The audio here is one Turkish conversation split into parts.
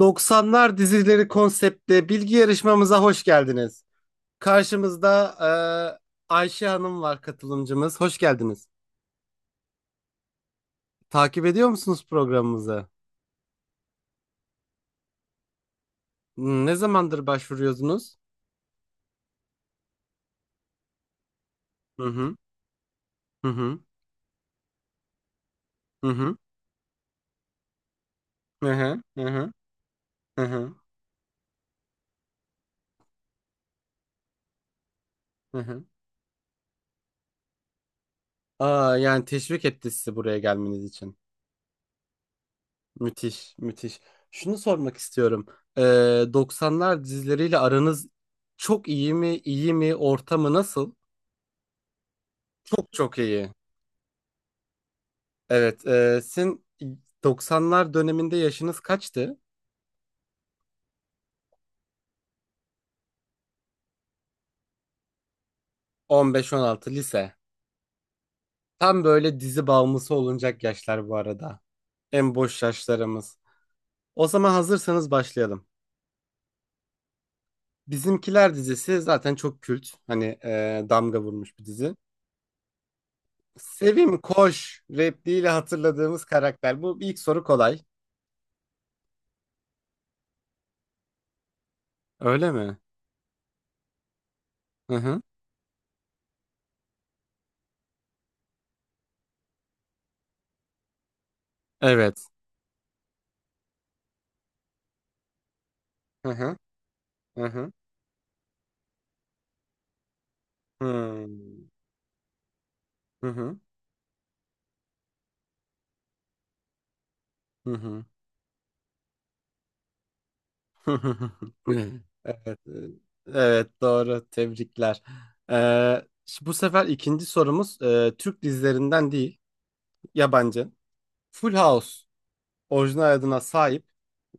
90'lar dizileri konseptli bilgi yarışmamıza hoş geldiniz. Karşımızda Ayşe Hanım var katılımcımız. Hoş geldiniz. Takip ediyor musunuz programımızı? Ne zamandır başvuruyorsunuz? Hı hı hı hı hı hı hı hı hı hı hı hı, hı hı. Aa, yani teşvik etti sizi buraya gelmeniz için. Müthiş, müthiş. Şunu sormak istiyorum. E, 90'lar dizileriyle aranız çok iyi mi, iyi mi, ortamı nasıl? Çok çok iyi. Evet, sizin 90'lar döneminde yaşınız kaçtı? 15, 16 lise. Tam böyle dizi bağımlısı olunacak yaşlar bu arada. En boş yaşlarımız. O zaman hazırsanız başlayalım. Bizimkiler dizisi zaten çok kült. Hani damga vurmuş bir dizi. Sevim Koş repliğiyle hatırladığımız karakter. Bu ilk soru kolay. Öyle mi? Hı hı. Evet. Hı hı. Hı hı. Hı hı. Hı hı. Hı hı. Evet, evet doğru. Tebrikler. Bu sefer ikinci sorumuz Türk dizilerinden değil, yabancı. Full House orijinal adına sahip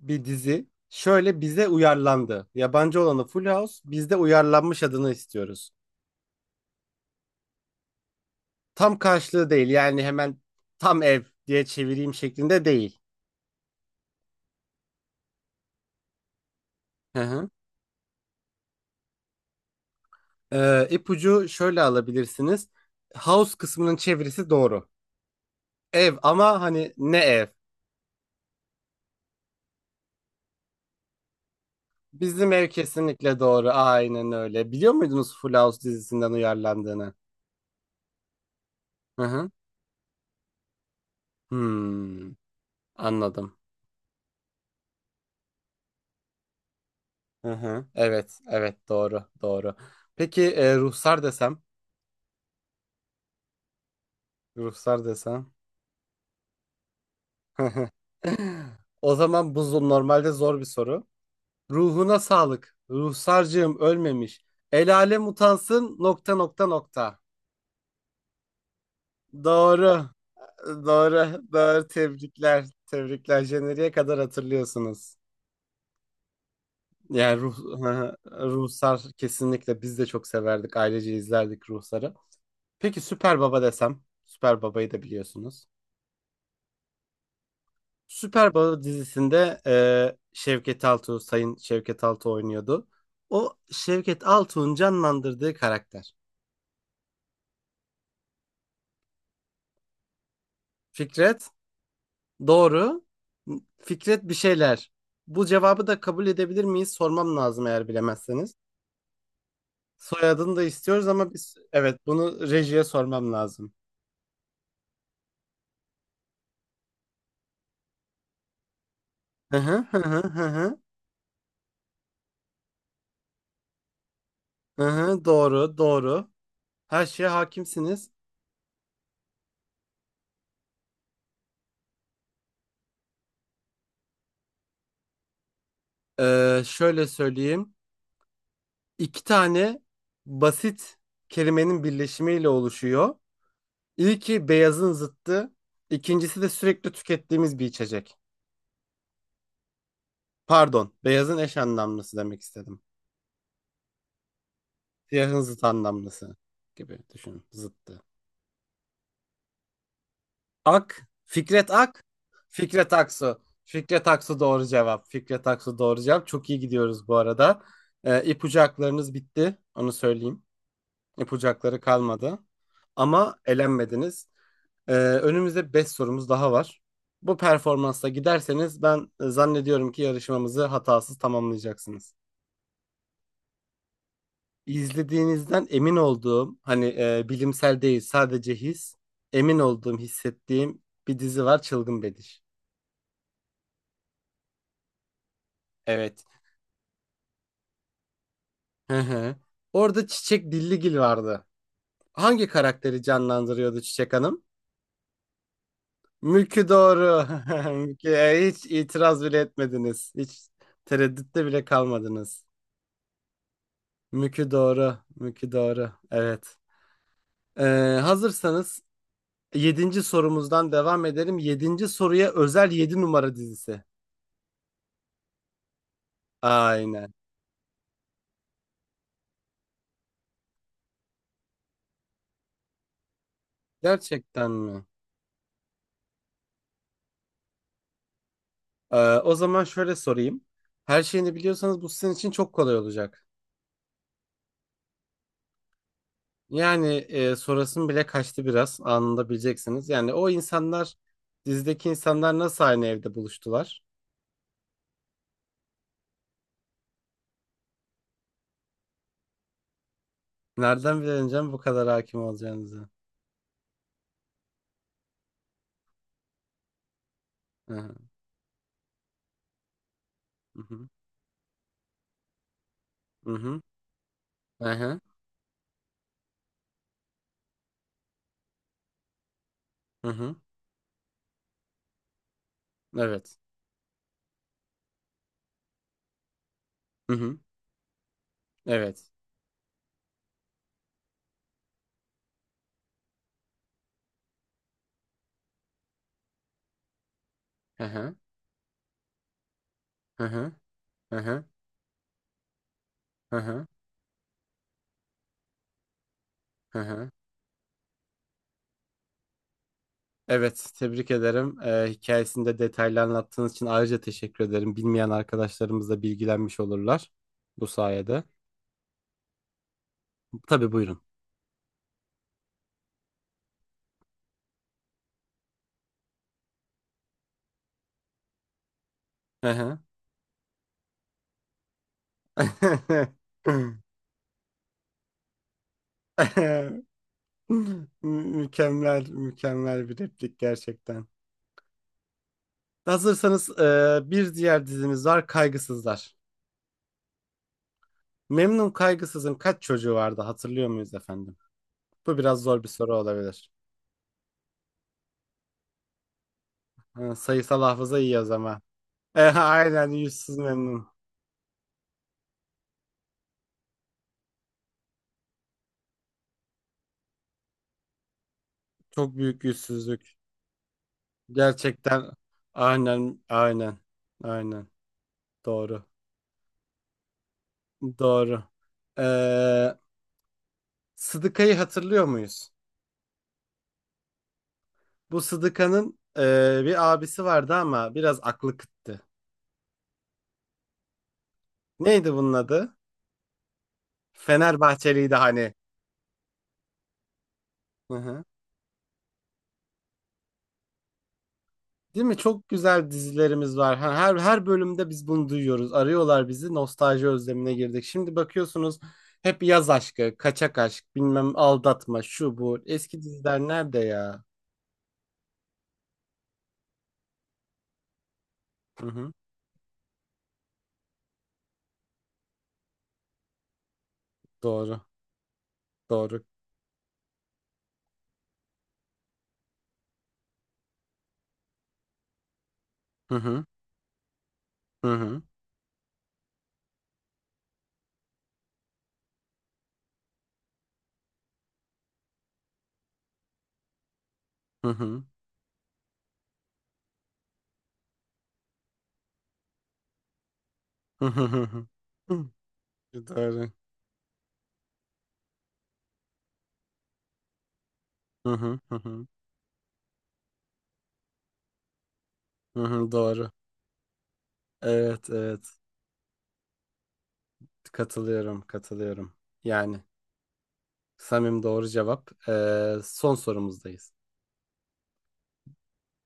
bir dizi. Şöyle bize uyarlandı. Yabancı olanı Full House, bizde uyarlanmış adını istiyoruz. Tam karşılığı değil yani hemen tam ev diye çevireyim şeklinde değil. Hı hı. İpucu şöyle alabilirsiniz. House kısmının çevirisi doğru. Ev ama hani ne ev? Bizim ev kesinlikle doğru. Aynen öyle. Biliyor muydunuz Full House dizisinden uyarlandığını? Hı hı. Hmm, anladım. Hı hı. Evet, evet doğru, doğru. Peki Ruhsar desem, Ruhsar desem. O zaman bu normalde zor bir soru. Ruhuna sağlık. Ruhsarcığım ölmemiş. El alem utansın nokta nokta nokta. Doğru. Doğru. Doğru. Tebrikler. Tebrikler. Jeneriğe kadar hatırlıyorsunuz. Yani ruh, Ruhsar kesinlikle biz de çok severdik. Ailece izlerdik Ruhsar'ı. Peki Süper Baba desem. Süper Baba'yı da biliyorsunuz. Süper Baba dizisinde Şevket Altuğ, Sayın Şevket Altuğ oynuyordu. O Şevket Altuğ'un canlandırdığı karakter. Fikret, doğru. Fikret bir şeyler. Bu cevabı da kabul edebilir miyiz? Sormam lazım eğer bilemezseniz. Soyadını da istiyoruz ama biz evet bunu rejiye sormam lazım. Hı hı hı hı hı. Hı hı, doğru, doğru. Her şeye hakimsiniz. Şöyle söyleyeyim. İki tane basit kelimenin birleşimiyle oluşuyor. İlki beyazın zıttı. İkincisi de sürekli tükettiğimiz bir içecek. Pardon, beyazın eş anlamlısı demek istedim. Siyahın zıt anlamlısı gibi düşünün. Zıttı. Ak, Fikret Ak, Fikret Aksu. Fikret Aksu doğru cevap. Fikret Aksu doğru cevap. Çok iyi gidiyoruz bu arada. İpucu haklarınız bitti. Onu söyleyeyim. Yapacakları kalmadı. Ama elenmediniz. Önümüzde 5 sorumuz daha var. Bu performansla giderseniz ben zannediyorum ki yarışmamızı hatasız tamamlayacaksınız. İzlediğinizden emin olduğum, hani bilimsel değil sadece his, emin olduğum, hissettiğim bir dizi var Çılgın Bedir. Evet. Hı hı. Orada Çiçek Dilligil vardı. Hangi karakteri canlandırıyordu Çiçek Hanım? Mülkü doğru. Mülkü hiç itiraz bile etmediniz. Hiç tereddütte bile kalmadınız. Mülkü doğru. Mülkü doğru. Evet. Ee, Hazırsanız yedinci sorumuzdan devam edelim. Yedinci soruya özel Yedi Numara dizisi. Aynen. Gerçekten mi? O zaman şöyle sorayım. Her şeyini biliyorsanız bu sizin için çok kolay olacak. Yani sorasım bile kaçtı biraz. Anında bileceksiniz. Yani o insanlar dizideki insanlar nasıl aynı evde buluştular? Nereden bilemeyeceğim bu kadar hakim olacağınızı? Hı hı. Hı hı. Hı hı. Hı hı. Hı hı. Evet. Hı hı. Evet. Hı hı. Hı hı. Hı hı. Hı hı. Hı hı. Evet, tebrik ederim. Hikayesinde detaylı anlattığınız için ayrıca teşekkür ederim. Bilmeyen arkadaşlarımız da bilgilenmiş olurlar bu sayede. Tabii buyurun. Hı hı. Mükemmel, mükemmel bir replik gerçekten. Hazırsanız bir diğer dizimiz var Kaygısızlar. Memnun Kaygısız'ın kaç çocuğu vardı hatırlıyor muyuz efendim? Bu biraz zor bir soru olabilir. Ha, sayısal hafıza iyi o zaman. Aynen yüzsüz memnun. Çok büyük yüzsüzlük. Gerçekten aynen aynen aynen doğru doğru. Ee, Sıdıka'yı hatırlıyor muyuz? Bu Sıdıka'nın bir abisi vardı ama biraz aklı kıttı. Neydi bunun adı? Fenerbahçeliydi hani. Hı hı. Değil mi? Çok güzel dizilerimiz var. Ha, Her bölümde biz bunu duyuyoruz. Arıyorlar bizi. Nostalji özlemine girdik. Şimdi bakıyorsunuz hep yaz aşkı, kaçak aşk, bilmem aldatma, şu bu. Eski diziler nerede ya? Hı hı. Doğru. Doğru. Hı hı. Hı hı. Hı hı. Hı hı. Hı hı. Hı. Doğru. Hı hı. Hı hı. Hı hı. Doğru. Evet, evet. Katılıyorum, katılıyorum. Yani Samim doğru cevap. Son sorumuzdayız.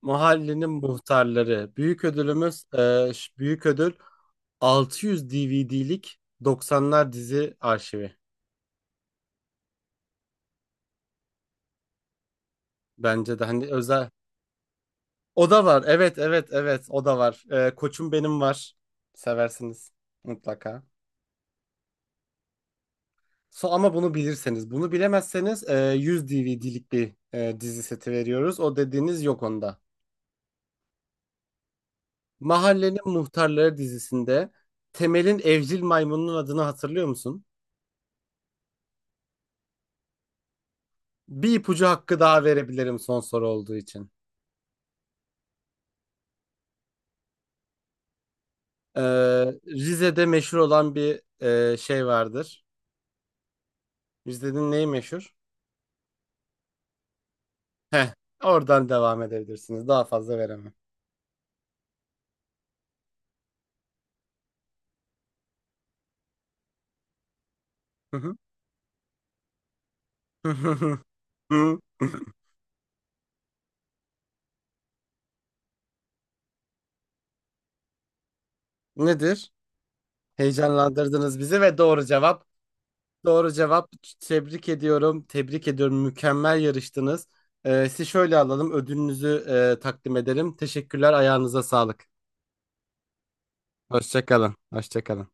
Mahallenin Muhtarları. Büyük ödülümüz büyük ödül 600 DVD'lik 90'lar dizi arşivi. Bence de hani özel. O da var. Evet evet evet o da var. Koçum Benim var. Seversiniz mutlaka. Ama bunu bilirseniz. Bunu bilemezseniz 100 DVD'lik bir dizi seti veriyoruz. O dediğiniz yok onda. Mahallenin Muhtarları dizisinde Temel'in evcil maymununun adını hatırlıyor musun? Bir ipucu hakkı daha verebilirim son soru olduğu için. Ee, Rize'de meşhur olan bir şey vardır. Rize'nin neyi meşhur? Heh, oradan devam edebilirsiniz. Daha fazla veremem. Hı hı. Nedir? Heyecanlandırdınız bizi ve doğru cevap. Doğru cevap. Tebrik ediyorum. Tebrik ediyorum. Mükemmel yarıştınız. Sizi şöyle alalım. Ödülünüzü takdim edelim. Teşekkürler. Ayağınıza sağlık. Hoşça kalın. Hoşça kalın.